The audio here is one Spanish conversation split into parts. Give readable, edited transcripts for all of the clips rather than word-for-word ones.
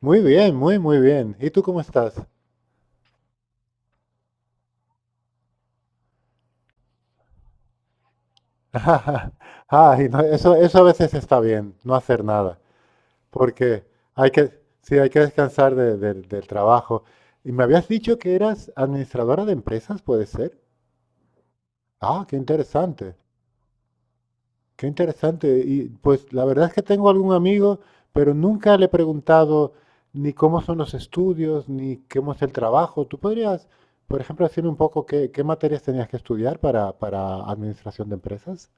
Muy bien, muy bien. ¿Y tú cómo estás? Ay, no, eso a veces está bien, no hacer nada, porque hay que, sí, hay que descansar del trabajo. Y me habías dicho que eras administradora de empresas, ¿puede ser? Ah, qué interesante, qué interesante. Y pues la verdad es que tengo algún amigo, pero nunca le he preguntado ni cómo son los estudios, ni cómo es el trabajo. ¿Tú podrías, por ejemplo, decirme un poco qué materias tenías que estudiar para administración de empresas?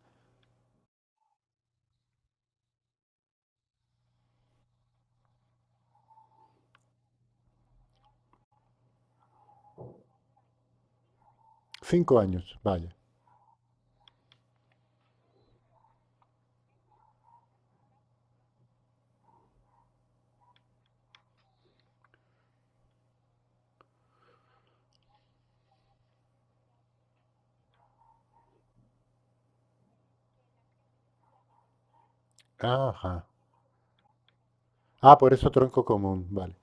Cinco años, vaya. Ajá. Ah, por eso tronco común, vale.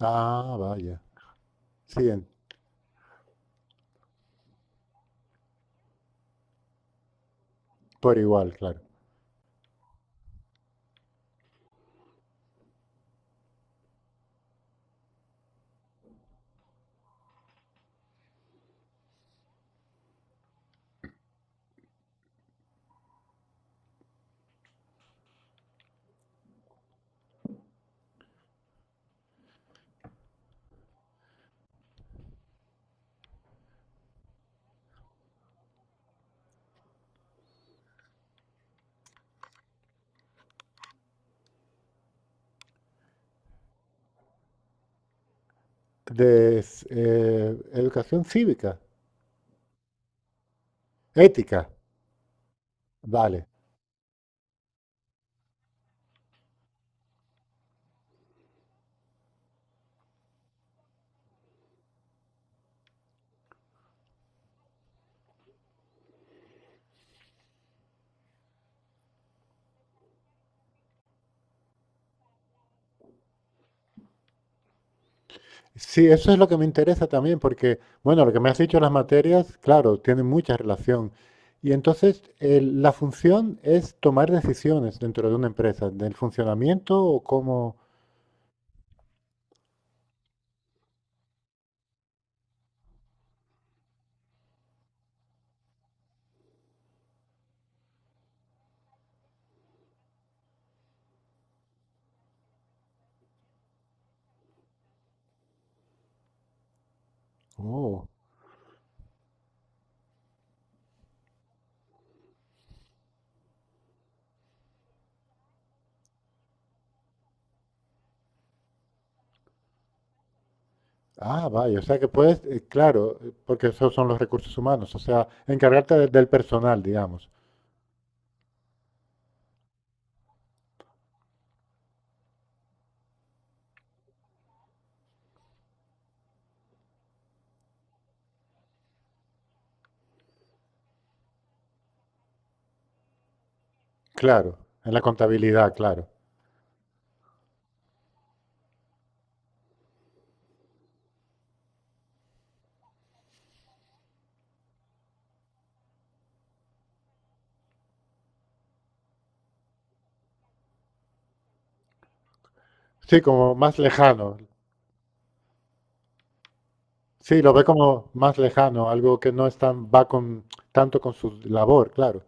Ah, vaya. Sí, por igual, claro. Educación cívica, ética, vale. Sí, eso es lo que me interesa también, porque, bueno, lo que me has dicho, las materias, claro, tienen mucha relación. Y entonces, la función es tomar decisiones dentro de una empresa, del funcionamiento o cómo... Oh. Ah, vaya, o sea que puedes, claro, porque esos son los recursos humanos, o sea, encargarte del personal, digamos, claro, en la contabilidad, claro. Sí, como más lejano, sí, lo ve como más lejano, algo que no es tan, va con, tanto con su labor, claro,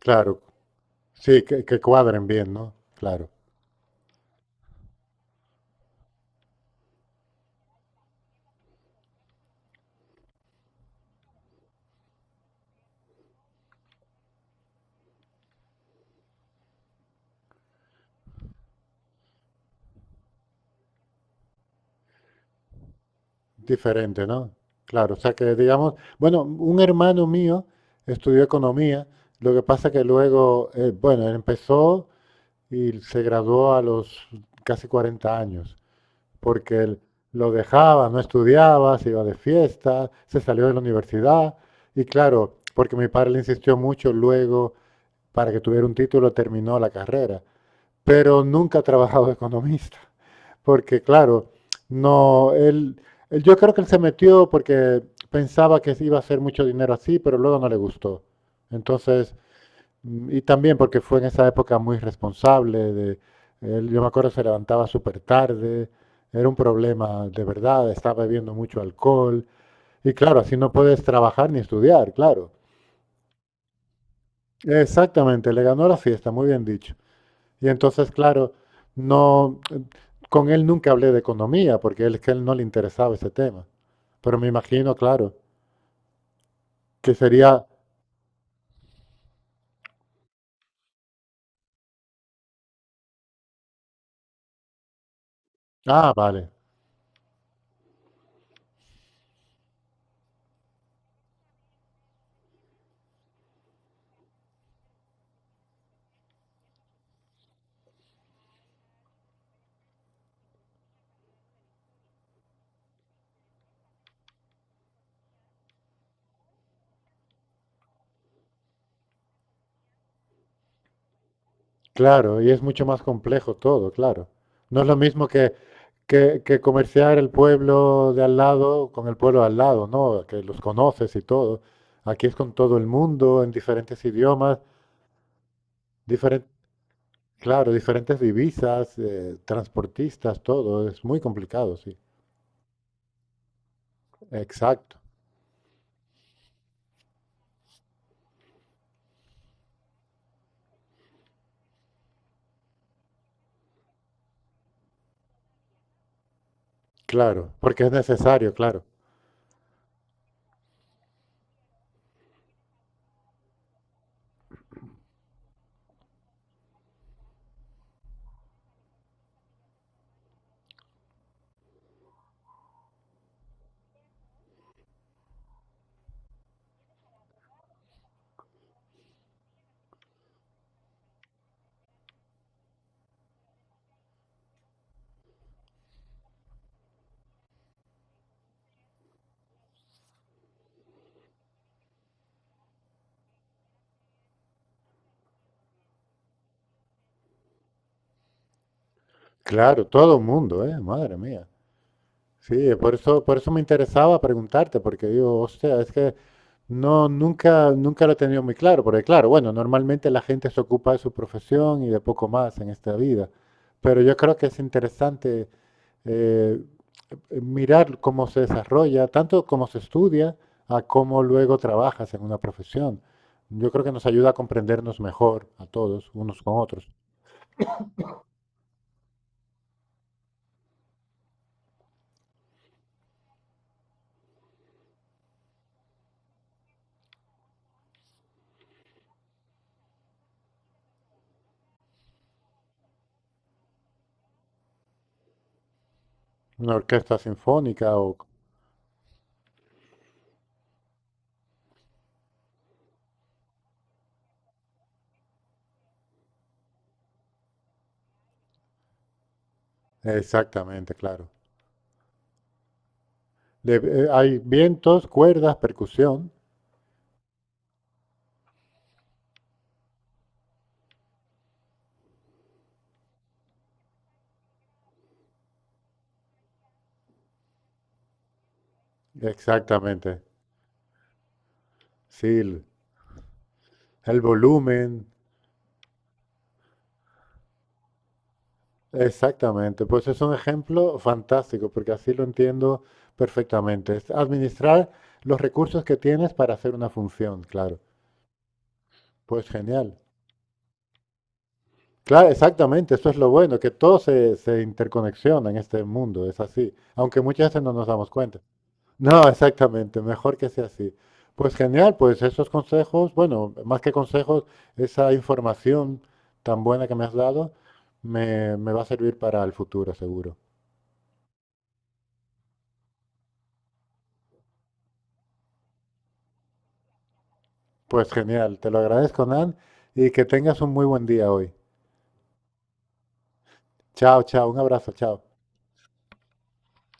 claro, sí, que cuadren bien, ¿no? Claro, diferente, ¿no? Claro, o sea que, digamos, bueno, un hermano mío estudió economía, lo que pasa que luego, bueno, él empezó... y se graduó a los casi 40 años, porque él lo dejaba, no estudiaba, se iba de fiesta, se salió de la universidad y claro, porque mi padre le insistió mucho luego para que tuviera un título, terminó la carrera, pero nunca ha trabajado de economista, porque claro, no, yo creo que él se metió porque pensaba que iba a hacer mucho dinero así, pero luego no le gustó. Entonces, mm, y también porque fue en esa época muy responsable, de, él, yo me acuerdo se levantaba súper tarde, era un problema de verdad, estaba bebiendo mucho alcohol, y claro, así no puedes trabajar ni estudiar, claro. Exactamente, le ganó la fiesta, muy bien dicho. Y entonces, claro, no, con él nunca hablé de economía, porque él, es que él no le interesaba ese tema. Pero me imagino, claro, que sería, ah, vale. Claro, y es mucho más complejo todo, claro. No es lo mismo que, que comerciar el pueblo de al lado con el pueblo de al lado, ¿no? Que los conoces y todo. Aquí es con todo el mundo, en diferentes idiomas, diferen- claro, diferentes divisas, transportistas, todo. Es muy complicado, sí. Exacto, claro, porque es necesario, claro. Claro, todo el mundo, ¿eh? Madre mía. Sí, por eso me interesaba preguntarte, porque digo, hostia, es que no, nunca, nunca lo he tenido muy claro, porque claro, bueno, normalmente la gente se ocupa de su profesión y de poco más en esta vida, pero yo creo que es interesante eh, mirar cómo se desarrolla, tanto cómo se estudia, a cómo luego trabajas en una profesión. Yo creo que nos ayuda a comprendernos mejor a todos, unos con otros. Una orquesta sinfónica o... Exactamente, claro. Hay vientos, cuerdas, percusión. Exactamente. Sí, el volumen. Exactamente. Pues es un ejemplo fantástico, porque así lo entiendo perfectamente. Es administrar los recursos que tienes para hacer una función, claro. Pues genial. Claro, exactamente. Eso es lo bueno, que todo se, se interconexiona en este mundo. Es así. Aunque muchas veces no nos damos cuenta. No, exactamente, mejor que sea así. Pues genial, pues esos consejos, bueno, más que consejos, esa información tan buena que me has dado me, me va a servir para el futuro, seguro. Pues genial, te lo agradezco, Nan, y que tengas un muy buen día hoy. Chao, chao, un abrazo, chao.